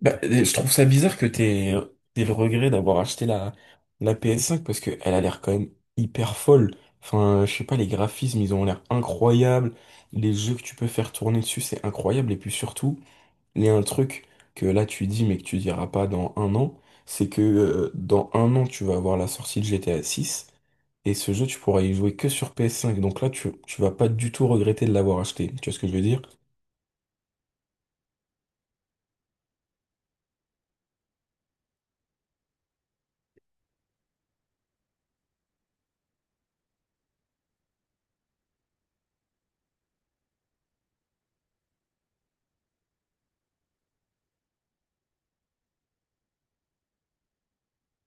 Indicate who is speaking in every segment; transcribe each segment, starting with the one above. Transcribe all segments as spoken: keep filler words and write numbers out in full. Speaker 1: Bah, euh, je trouve ça bizarre que t'aies, t'aies le regret d'avoir acheté la, la P S cinq parce que elle a l'air quand même hyper folle. Enfin, je sais pas, les graphismes, ils ont l'air incroyables. Les jeux que tu peux faire tourner dessus, c'est incroyable. Et puis surtout, il y a un truc que là tu dis mais que tu diras pas dans un an, c'est que euh, dans un an, tu vas avoir la sortie de G T A six et ce jeu, tu pourras y jouer que sur P S cinq. Donc là, tu, tu vas pas du tout regretter de l'avoir acheté. Tu vois ce que je veux dire?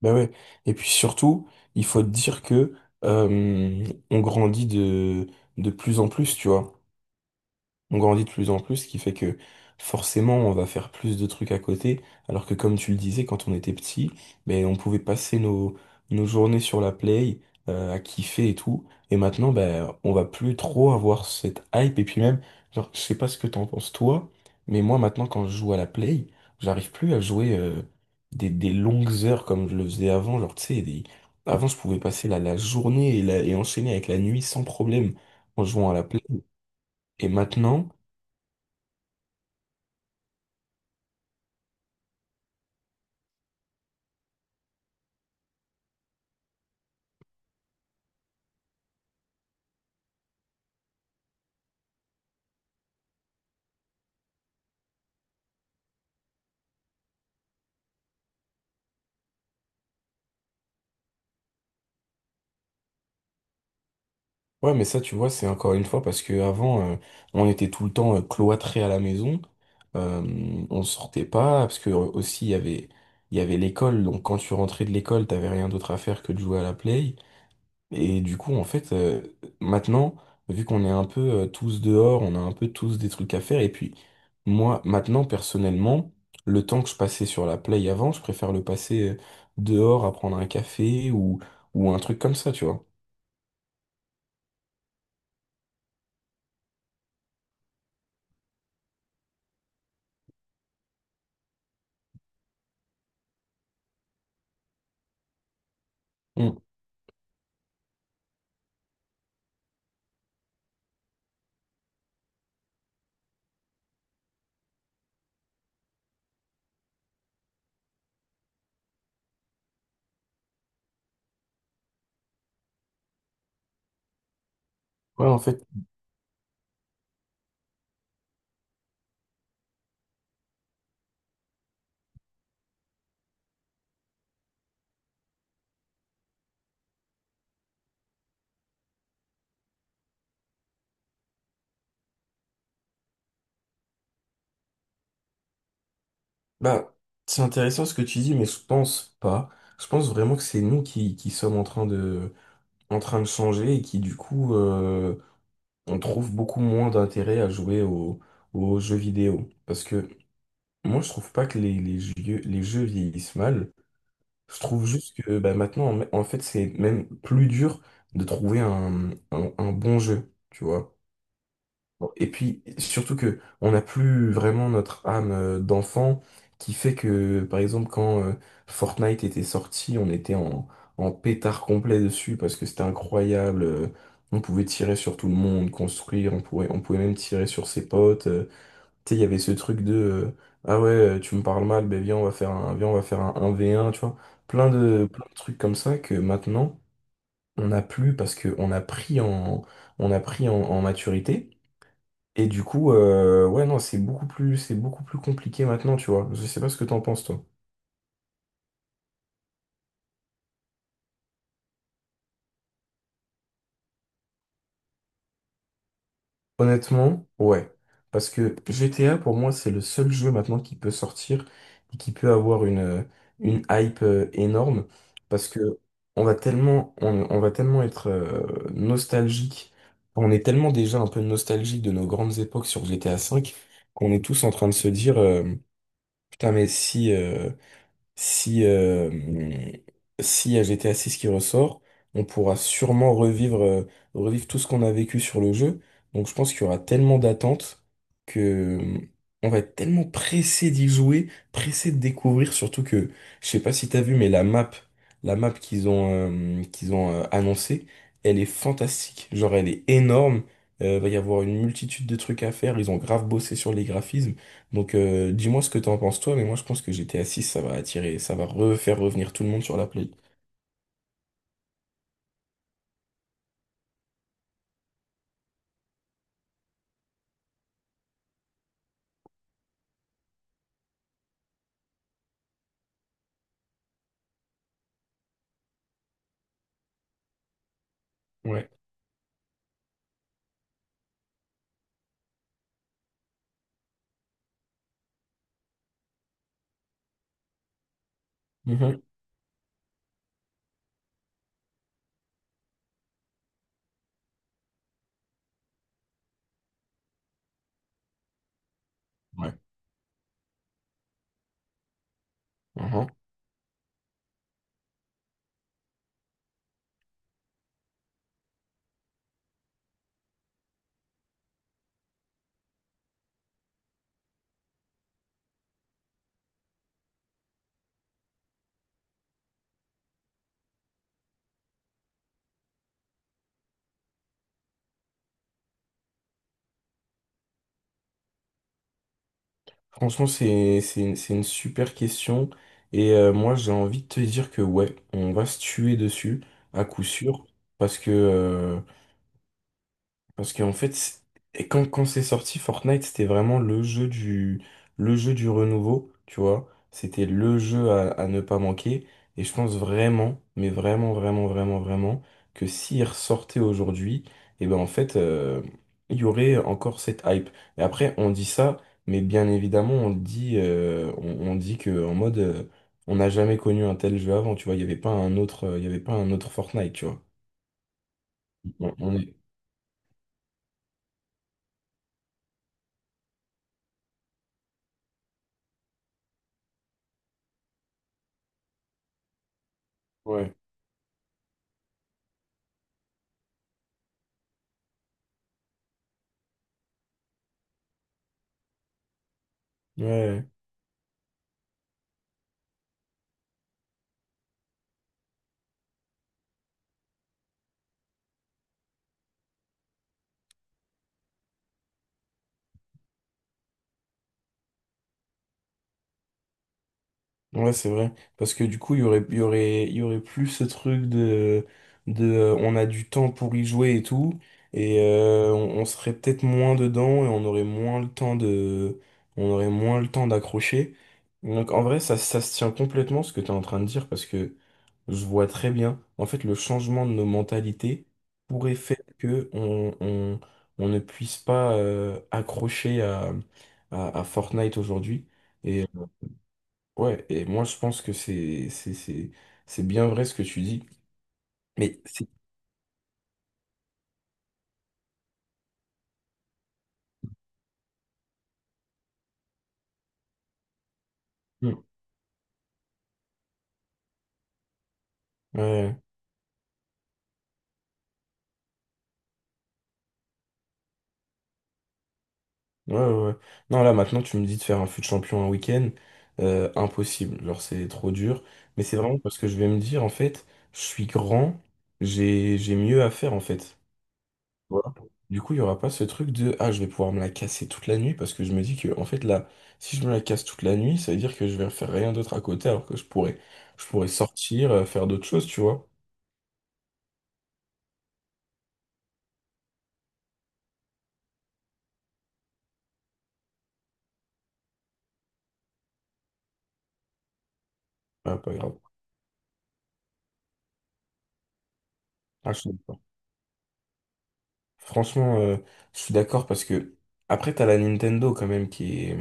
Speaker 1: Ben ouais. Et puis surtout, il faut dire que euh, on grandit de, de plus en plus, tu vois. On grandit de plus en plus, ce qui fait que forcément on va faire plus de trucs à côté, alors que comme tu le disais, quand on était petit, ben, on pouvait passer nos, nos journées sur la play, euh, à kiffer et tout, et maintenant ben, on va plus trop avoir cette hype, et puis même, genre, je sais pas ce que t'en penses toi, mais moi maintenant quand je joue à la play, j'arrive plus à jouer euh, des, des longues heures comme je le faisais avant, genre tu sais, des- avant je pouvais passer la, la journée et, la- et enchaîner avec la nuit sans problème en jouant à la play, et maintenant... Ouais, mais ça, tu vois, c'est encore une fois parce que avant, euh, on était tout le temps euh, cloîtrés à la maison. Euh, on sortait pas parce que euh, aussi il y avait, il y avait l'école. Donc quand tu rentrais de l'école, t'avais rien d'autre à faire que de jouer à la play. Et du coup, en fait, euh, maintenant, vu qu'on est un peu euh, tous dehors, on a un peu tous des trucs à faire. Et puis moi, maintenant, personnellement, le temps que je passais sur la play avant, je préfère le passer euh, dehors à prendre un café ou ou un truc comme ça, tu vois. Mm. Ouais, en fait, bah, c'est intéressant ce que tu dis, mais je pense pas. Je pense vraiment que c'est nous qui, qui sommes en train de, en train de changer et qui, du coup, euh, on trouve beaucoup moins d'intérêt à jouer aux, aux jeux vidéo. Parce que moi, je trouve pas que les, les jeux, les jeux vieillissent mal. Je trouve juste que bah, maintenant, en en fait, c'est même plus dur de trouver un, un, un bon jeu, tu vois. Bon, et puis, surtout que on n'a plus vraiment notre âme euh, d'enfant qui fait que, par exemple, quand euh, Fortnite était sorti, on était en, en pétard complet dessus parce que c'était incroyable. euh, On pouvait tirer sur tout le monde, construire, on pouvait, on pouvait même tirer sur ses potes. euh. Tu sais, il y avait ce truc de euh, ah ouais, euh, tu me parles mal, ben viens, on va faire un, viens, on va faire un un v un tu vois. Plein de, plein de trucs comme ça que maintenant, on n'a plus parce qu'on a pris en, on a pris en en maturité. Et du coup, euh, ouais, non, c'est beaucoup plus, c'est beaucoup plus compliqué maintenant, tu vois. Je sais pas ce que t'en penses, toi. Honnêtement, ouais. Parce que G T A, pour moi, c'est le seul jeu maintenant qui peut sortir et qui peut avoir une, euh, une hype euh, énorme. Parce que on va tellement, on, on va tellement être euh, nostalgique. On est tellement déjà un peu nostalgique de nos grandes époques sur G T A V V qu'on est tous en train de se dire, euh, putain, mais si. euh, Si, euh, S'il y a G T A six qui ressort, on pourra sûrement revivre, euh, revivre tout ce qu'on a vécu sur le jeu. Donc je pense qu'il y aura tellement d'attentes que euh, on va être tellement pressé d'y jouer, pressé de découvrir, surtout que, je sais pas si t'as vu, mais la map, la map qu'ils ont, euh, qu'ils ont euh, annoncée, elle est fantastique. Genre elle est énorme. Euh, va y avoir une multitude de trucs à faire. Ils ont grave bossé sur les graphismes. Donc euh, dis-moi ce que t'en penses toi, mais moi je pense que G T A six, ça va attirer, ça va refaire revenir tout le monde sur la Play. Ouais, mhm. Ouais. Mhm. Franchement c'est c'est une, c'est une super question et euh, moi j'ai envie de te dire que ouais, on va se tuer dessus à coup sûr parce que euh, Parce qu'en fait, c'est- et quand, quand c'est sorti, Fortnite, c'était vraiment le jeu du, le jeu du renouveau, tu vois. C'était le jeu à, à ne pas manquer. Et je pense vraiment, mais vraiment, vraiment, vraiment, vraiment, que s'il ressortait aujourd'hui, et ben en fait, euh, il y aurait encore cette hype. Et après, on dit ça, mais bien évidemment, on le dit, euh, on, on dit que en mode, euh, on n'a jamais connu un tel jeu avant, tu vois. Il n'y avait pas un autre, euh, il y avait pas un autre Fortnite, tu vois. On, on est... Ouais. Ouais. Ouais, c'est vrai. Parce que du coup, il y aurait, il y aurait, il y aurait plus ce truc de, de euh, on a du temps pour y jouer et tout. Et euh, on, on serait peut-être moins dedans et on aurait moins le temps de, on aurait moins le temps d'accrocher. Donc en vrai, ça, ça se tient complètement ce que tu es en train de dire parce que je vois très bien. En fait, le changement de nos mentalités pourrait faire que on, on, on ne puisse pas euh, accrocher à, à, à Fortnite aujourd'hui. Ouais, et moi je pense que c'est c'est c'est c'est bien vrai ce que tu dis. Mais c'est Mm. ouais, ouais, ouais. Ouais. Non, là maintenant tu me dis de faire un fut champion un week-end, euh, impossible. Genre c'est trop dur. Mais c'est vraiment parce que je vais me dire en fait, je suis grand, j'ai j'ai mieux à faire en fait. Voilà. Du coup, il y aura pas ce truc de ah je vais pouvoir me la casser toute la nuit parce que je me dis que en fait là, si je me la casse toute la nuit, ça veut dire que je vais faire rien d'autre à côté alors que je pourrais je pourrais sortir, euh, faire d'autres choses, tu vois. Ah, pas grave. Ah, je sais pas. Franchement, euh, je suis d'accord parce que après t'as la Nintendo quand même qui est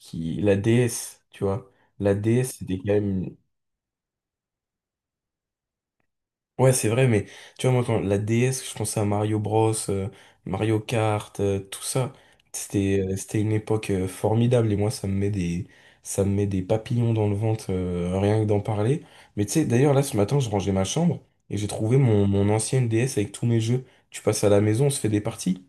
Speaker 1: qui la D S, tu vois. La D S c'était quand même Ouais c'est vrai mais tu vois moi quand la D S je pensais à Mario Bros, euh, Mario Kart, euh, tout ça c'était euh, c'était une époque euh, formidable et moi ça me met des ça me met des papillons dans le ventre euh, rien que d'en parler. Mais tu sais d'ailleurs là ce matin je rangeais ma chambre et j'ai trouvé mon mon ancienne D S avec tous mes jeux. Tu passes à la maison on se fait des parties.